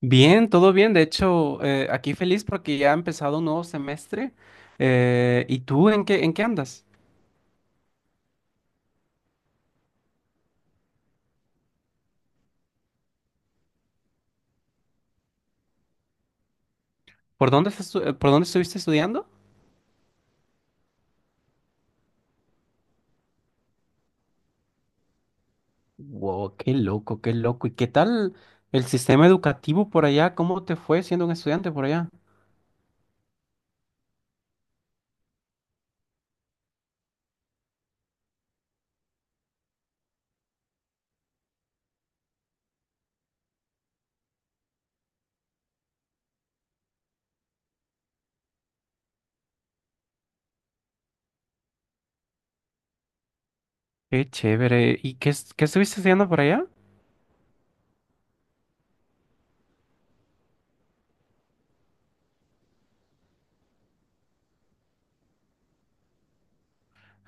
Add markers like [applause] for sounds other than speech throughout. Bien, todo bien. De hecho, aquí feliz porque ya ha empezado un nuevo semestre. ¿Y tú en qué andas? ¿Por dónde estuviste estudiando? Wow, qué loco, qué loco. ¿Y qué tal el sistema educativo por allá? ¿Cómo te fue siendo un estudiante por allá? Qué chévere. ¿Qué estuviste estudiando por allá?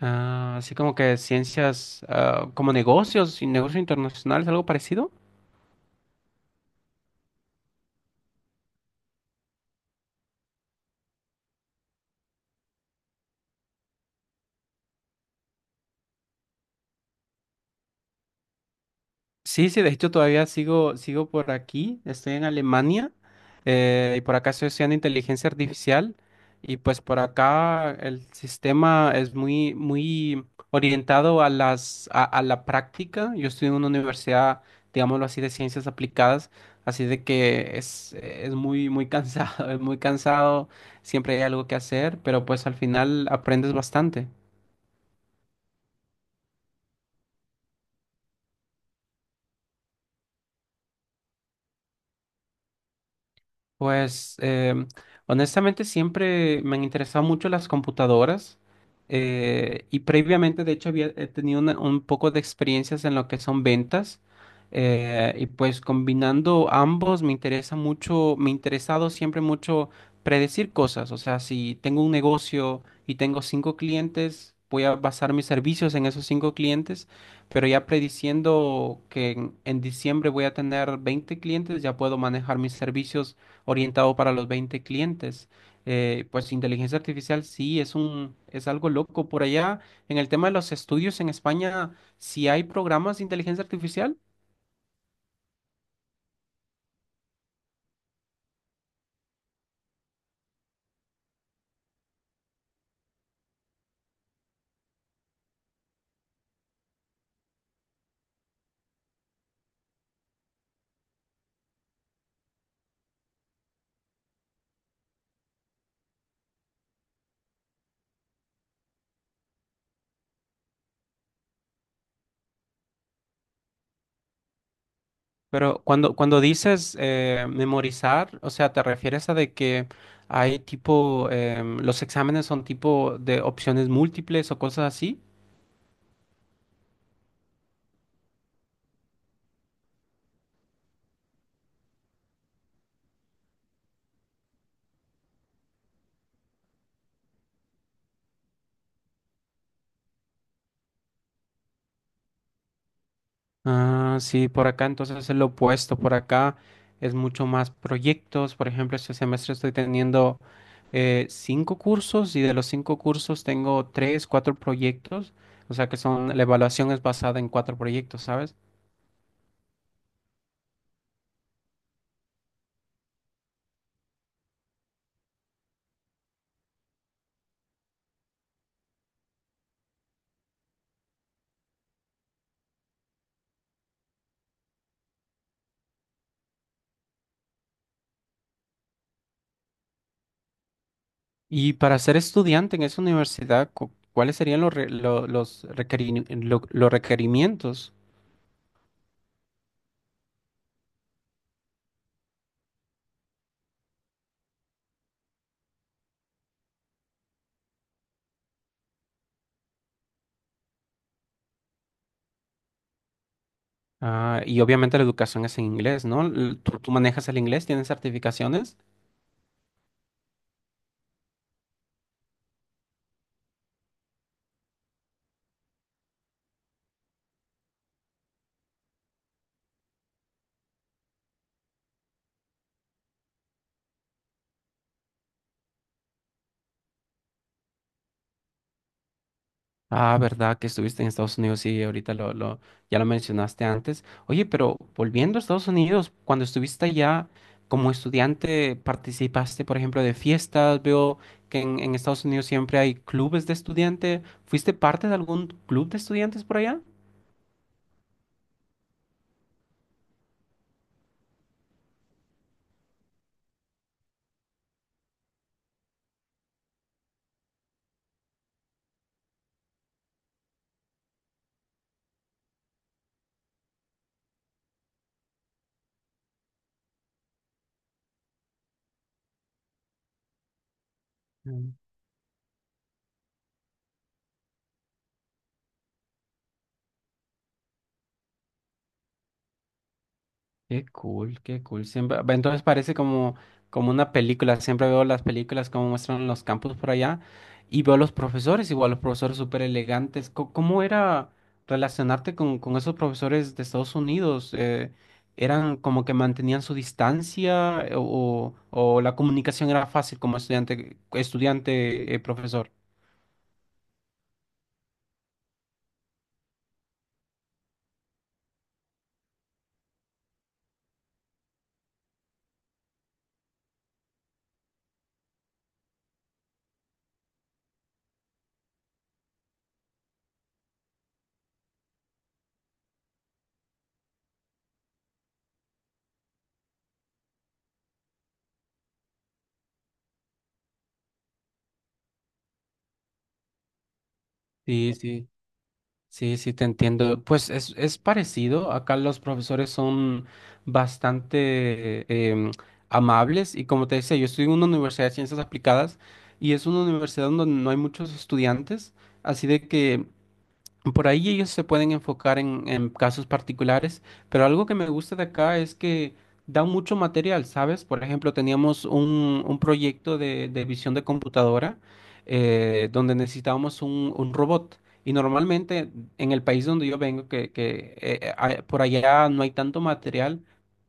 Ah, así como que como negocios y negocios internacionales, algo parecido. Sí, sí, de hecho todavía sigo por aquí, estoy en Alemania, y por acá estoy estudiando inteligencia artificial, y pues por acá el sistema es muy, muy orientado a a la práctica. Yo estoy en una universidad, digámoslo así, de ciencias aplicadas, así de que es muy, muy cansado, [laughs] es muy cansado, siempre hay algo que hacer, pero pues al final aprendes bastante. Pues honestamente siempre me han interesado mucho las computadoras, y previamente de hecho había he tenido un poco de experiencias en lo que son ventas, y pues combinando ambos me interesa mucho, me ha interesado siempre mucho predecir cosas, o sea, si tengo un negocio y tengo 5 clientes, voy a basar mis servicios en esos 5 clientes, pero ya prediciendo que en diciembre voy a tener 20 clientes, ya puedo manejar mis servicios orientado para los 20 clientes. Pues inteligencia artificial sí es es algo loco. Por allá, en el tema de los estudios en España, sí hay programas de inteligencia artificial, pero cuando dices memorizar, o sea, te refieres a de que hay los exámenes son tipo de opciones múltiples o cosas así. Ah, sí, por acá entonces es lo opuesto. Por acá es mucho más proyectos. Por ejemplo, este semestre estoy teniendo 5 cursos y de los 5 cursos tengo 4 proyectos, o sea que la evaluación es basada en 4 proyectos, ¿sabes? Y para ser estudiante en esa universidad, ¿cuáles serían los, re- lo- los, requerini- lo- los requerimientos? Ah, y obviamente la educación es en inglés, ¿no? ¿Tú manejas el inglés? ¿Tienes certificaciones? Ah, verdad que estuviste en Estados Unidos, sí, ahorita ya lo mencionaste antes. Oye, pero volviendo a Estados Unidos, cuando estuviste allá como estudiante, participaste, por ejemplo, de fiestas, veo que en Estados Unidos siempre hay clubes de estudiantes. ¿Fuiste parte de algún club de estudiantes por allá? Mm. Qué cool, qué cool. Siempre, ve, entonces parece como, como una película. Siempre veo las películas como muestran los campus por allá y veo los profesores, igual los profesores súper elegantes. ¿Cómo era relacionarte con esos profesores de Estados Unidos? ¿Eran como que mantenían su distancia o la comunicación era fácil como estudiante, estudiante, profesor? Sí, sí. Sí, sí, te entiendo. Pues es parecido. Acá los profesores son bastante amables y como te decía, yo estoy en una universidad de ciencias aplicadas y es una universidad donde no hay muchos estudiantes, así de que por ahí ellos se pueden enfocar en casos particulares, pero algo que me gusta de acá es que dan mucho material, ¿sabes? Por ejemplo, teníamos un proyecto de visión de computadora, donde necesitábamos un robot. Y normalmente en el país donde yo vengo, por allá no hay tanto material,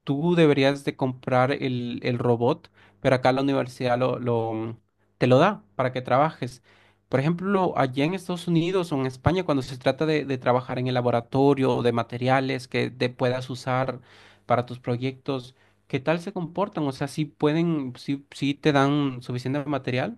tú deberías de comprar el robot, pero acá la universidad te lo da para que trabajes. Por ejemplo, allá en Estados Unidos o en España, cuando se trata de trabajar en el laboratorio o de materiales que te puedas usar para tus proyectos, ¿qué tal se comportan? O sea, si te dan suficiente material.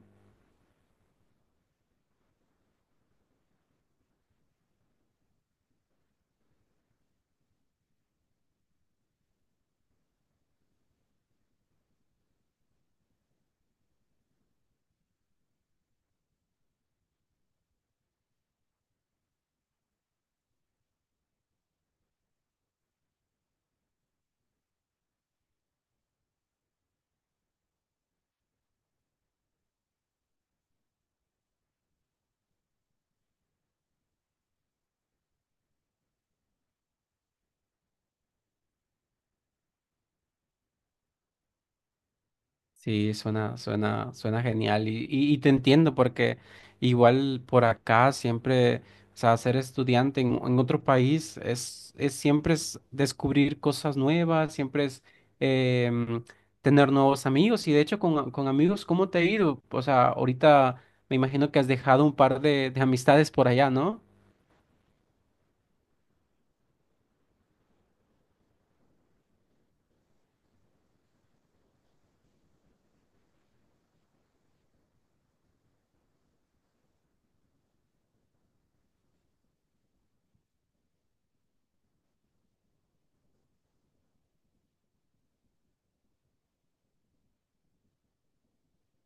Sí, suena genial y te entiendo porque igual por acá o sea, ser estudiante en otro país es siempre es descubrir cosas nuevas, siempre es em, tener nuevos amigos y de hecho con amigos, ¿cómo te ha ido? O sea, ahorita me imagino que has dejado un par de amistades por allá, ¿no?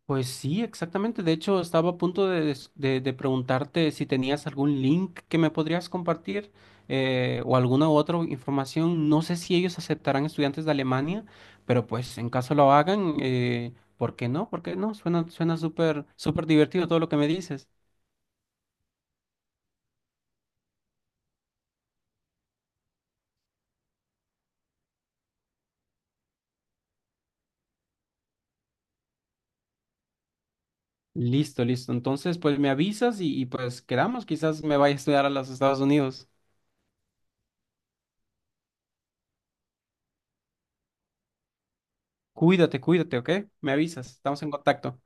Pues sí, exactamente. De hecho, estaba a punto de preguntarte si tenías algún link que me podrías compartir, o alguna otra información. No sé si ellos aceptarán estudiantes de Alemania, pero pues en caso lo hagan, ¿por qué no? ¿Por qué no? Suena, suena súper, súper divertido todo lo que me dices. Listo, listo. Entonces, pues me avisas y pues quedamos. Quizás me vaya a estudiar a los Estados Unidos. Cuídate, cuídate, ¿ok? Me avisas. Estamos en contacto.